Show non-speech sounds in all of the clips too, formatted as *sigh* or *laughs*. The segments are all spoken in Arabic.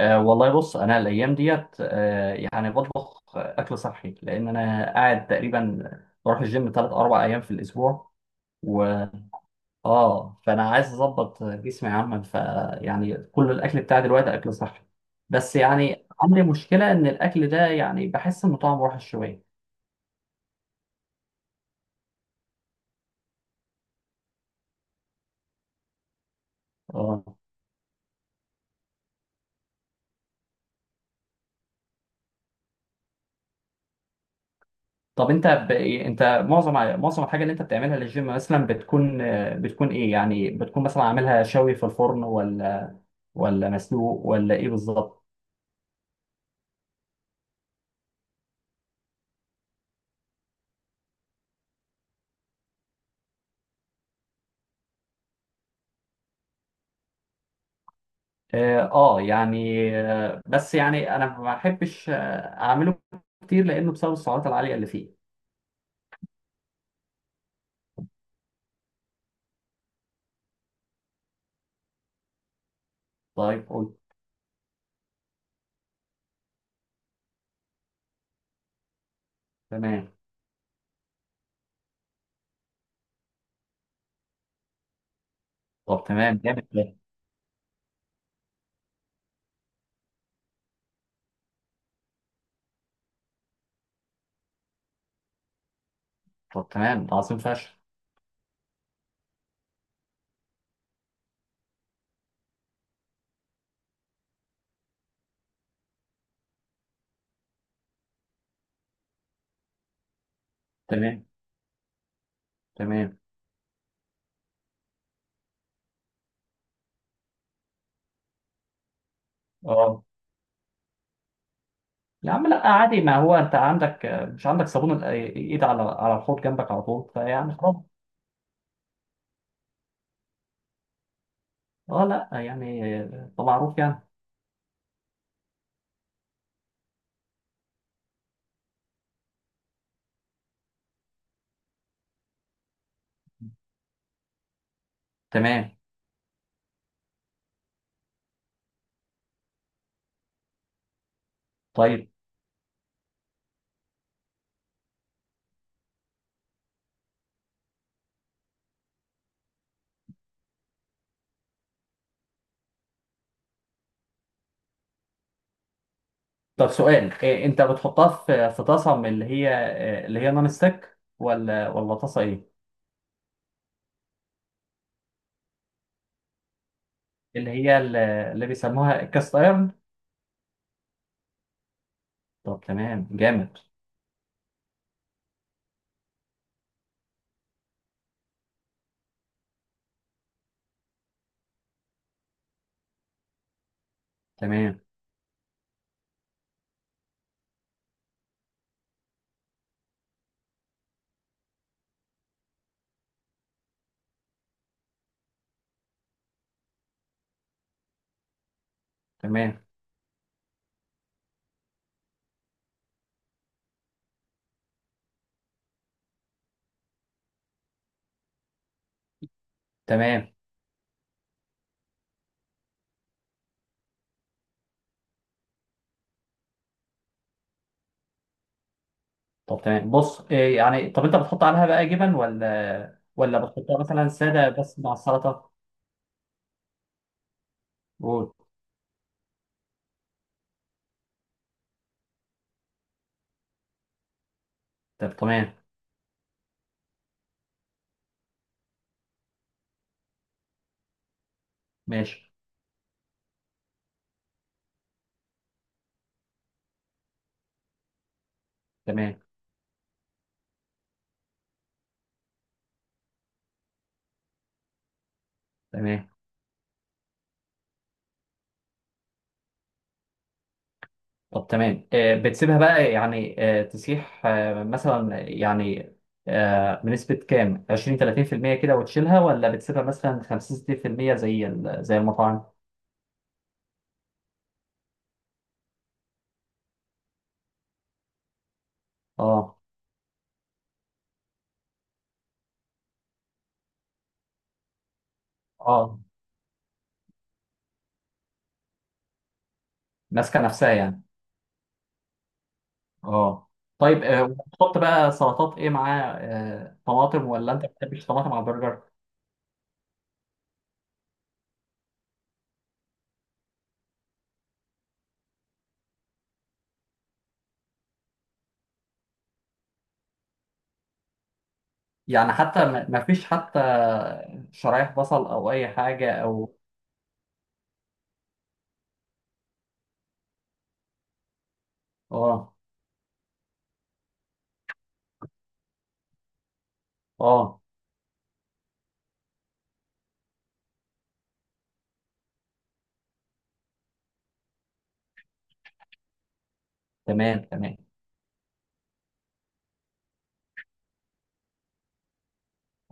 والله بص، انا الايام ديت يعني بطبخ اكل صحي، لان انا قاعد تقريبا بروح الجيم 3 4 ايام في الاسبوع. و اه فانا عايز اظبط جسمي عامه، فيعني كل الاكل بتاعي دلوقتي اكل صحي، بس يعني عندي مشكله ان الاكل ده يعني بحس انه طعمه وحش شويه. اه. طب انت انت معظم الحاجه اللي انت بتعملها للجيم مثلا بتكون، بتكون ايه؟ يعني بتكون مثلا عاملها شوي في الفرن، ولا مسلوق، ولا ايه بالظبط؟ اه. يعني، بس يعني انا ما بحبش اعمله كتير، لانه بسبب السعرات العاليه اللي فيه. طيب، قول. تمام. طب تمام، جامد ده. طب تمام، ده عظيم فشخ. تمام، تمام. اه. يا عم لا، عادي. ما هو انت عندك، مش عندك صابون ايد على الحوض جنبك على طول، فيعني خلاص. اه لا يعني، ده معروف يعني. تمام. طيب. طب سؤال، إيه، انت بتحطها في طاسه من اللي هي، اللي هي نون ستيك، ولا طاسه ايه؟ اللي هي اللي بيسموها الكاست ايرون. طب تمام، جامد. تمام، تمام، تمام. طب تمام. بص، إيه يعني؟ طب انت بتحط عليها بقى جبن، ولا بتحطها مثلا ساده بس مع السلطه؟ قول. طب تمام. ماشي. تمام، تمام. طب تمام، إيه بتسيبها بقى يعني تسيح، مثلا يعني، بنسبة كام، 20 30% كده وتشيلها، ولا بتسيبها مثلا 50 60% زي المطاعم؟ اه. اه. ماسكة نفسها يعني. اه. طيب، وتحط بقى سلطات ايه معاه؟ طماطم، ولا انت ما بتحبش طماطم على البرجر؟ يعني حتى، ما فيش حتى شرايح بصل او اي حاجه، او... اه. اه. تمام، تمام.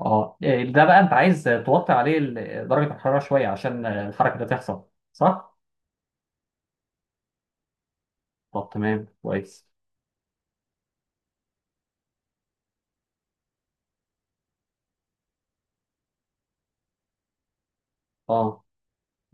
اه، إيه، ده بقى انت عايز توطي عليه درجه الحراره شويه عشان الحركه دي تحصل؟ صح. طب تمام، كويس. اه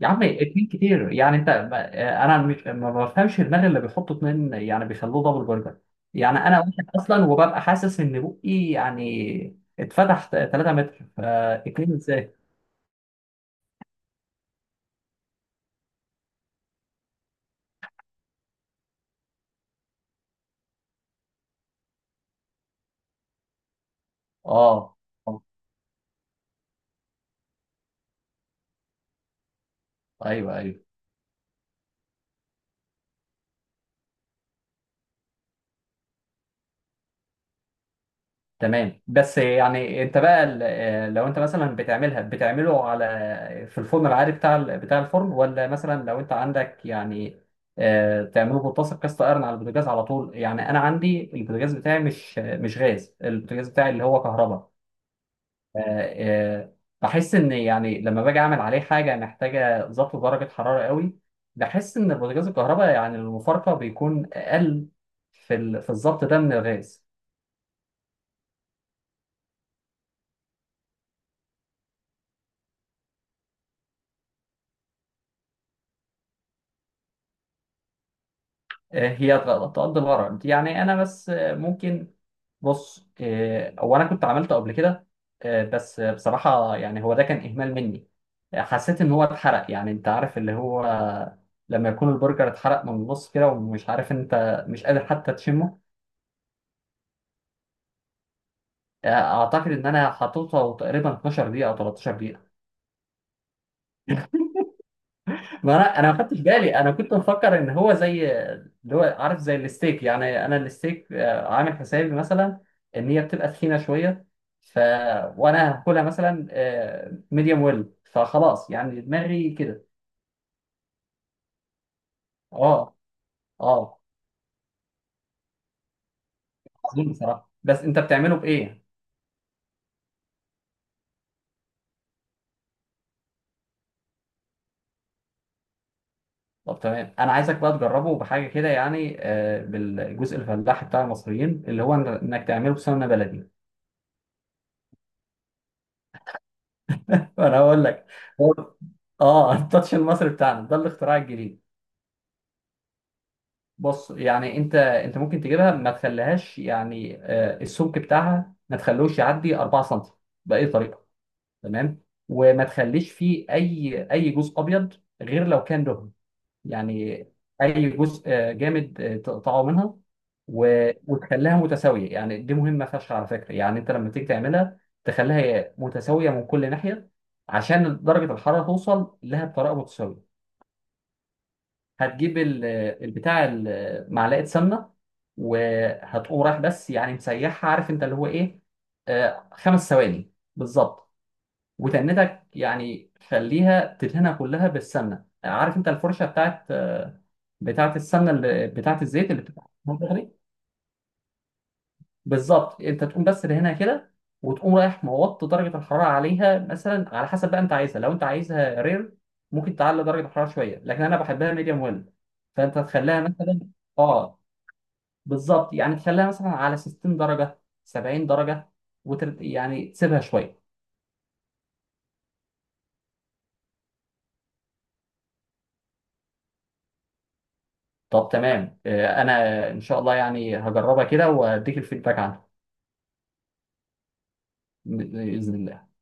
يا عم، اتنين كتير يعني، انت انا، مش ما بفهمش دماغ اللي بيحطوا اتنين يعني بيخلوه دبل برجر. يعني انا واحد اصلا وببقى حاسس ان بقي يعني اتفتح 3 متر، فاتنين ازاي؟ اه. آه، ايوه، ايوه. تمام. بس يعني انت بقى، لو انت مثلا بتعمله على، في الفرن العادي بتاع، بتاع الفرن، ولا مثلا لو انت عندك يعني تعمله بطاسه كاست ايرون على البوتاجاز على طول؟ يعني انا عندي البوتاجاز بتاعي مش غاز، البوتاجاز بتاعي اللي هو كهرباء. آه، آه، بحس ان يعني لما باجي اعمل عليه حاجه محتاجه ظبط درجه حراره قوي. بحس ان البوتاجاز الكهرباء يعني المفارقه بيكون اقل في الظبط ده من الغاز. هي تقضي الغرض، يعني انا بس ممكن. بص، هو انا كنت عملته قبل كده، بس بصراحة يعني هو ده كان اهمال مني. حسيت ان هو اتحرق، يعني انت عارف اللي هو لما يكون البرجر اتحرق من النص كده، ومش عارف، انت مش قادر حتى تشمه. آه، اعتقد ان انا حطيته تقريبا 12 دقيقة او 13 دقيقة. ما انا ما خدتش بالي، انا كنت مفكر ان هو زي، اللي هو عارف، زي الستيك يعني. انا الستيك عامل حسابي مثلا ان هي بتبقى تخينه شويه، ف وانا هاكلها مثلا ميديوم ويل، فخلاص يعني دماغي كده. اه. اه. عظيم بصراحه، بس انت بتعمله بايه؟ طب تمام، انا عايزك بقى تجربه بحاجه كده يعني بالجزء الفلاحي بتاع المصريين، اللي هو، انك تعمله بسمنه بلدي. *laughs* انا اقول لك. هو- اه، التاتش المصري بتاعنا ده الاختراع الجديد. بص يعني، انت ممكن تجيبها، ما تخليهاش يعني، السمك بتاعها ما تخلوش يعدي 4 سم، باي طريقه. تمام. وما تخليش فيه اي جزء ابيض، غير لو كان دهن يعني. اي جزء جامد تقطعه منها. وتخليها متساويه، يعني دي مهمه فشخ على فكره. يعني انت لما تيجي تعملها تخليها متساويه من كل ناحيه عشان درجه الحراره توصل لها بطريقه متساويه. هتجيب البتاع، معلقه سمنه، وهتقوم رايح بس يعني مسيحها، عارف انت اللي هو ايه، 5 ثواني بالظبط، وتنتك يعني، خليها تدهنها كلها بالسمنه. عارف انت الفرشه بتاعت، بتاعت السمنه، اللي بتاعت الزيت اللي بتبقى. بالظبط، انت تقوم بس دهنها كده، وتقوم رايح موط درجه الحراره عليها مثلا على حسب بقى انت عايزها. لو انت عايزها رير ممكن تعلي درجه الحراره شويه، لكن انا بحبها ميديوم ويل، فانت تخليها مثلا. اه بالظبط، يعني تخليها مثلا على 60 درجه، 70 درجه، يعني تسيبها شويه. طب تمام، انا ان شاء الله يعني هجربها كده واديك الفيدباك عنها، باذن الله.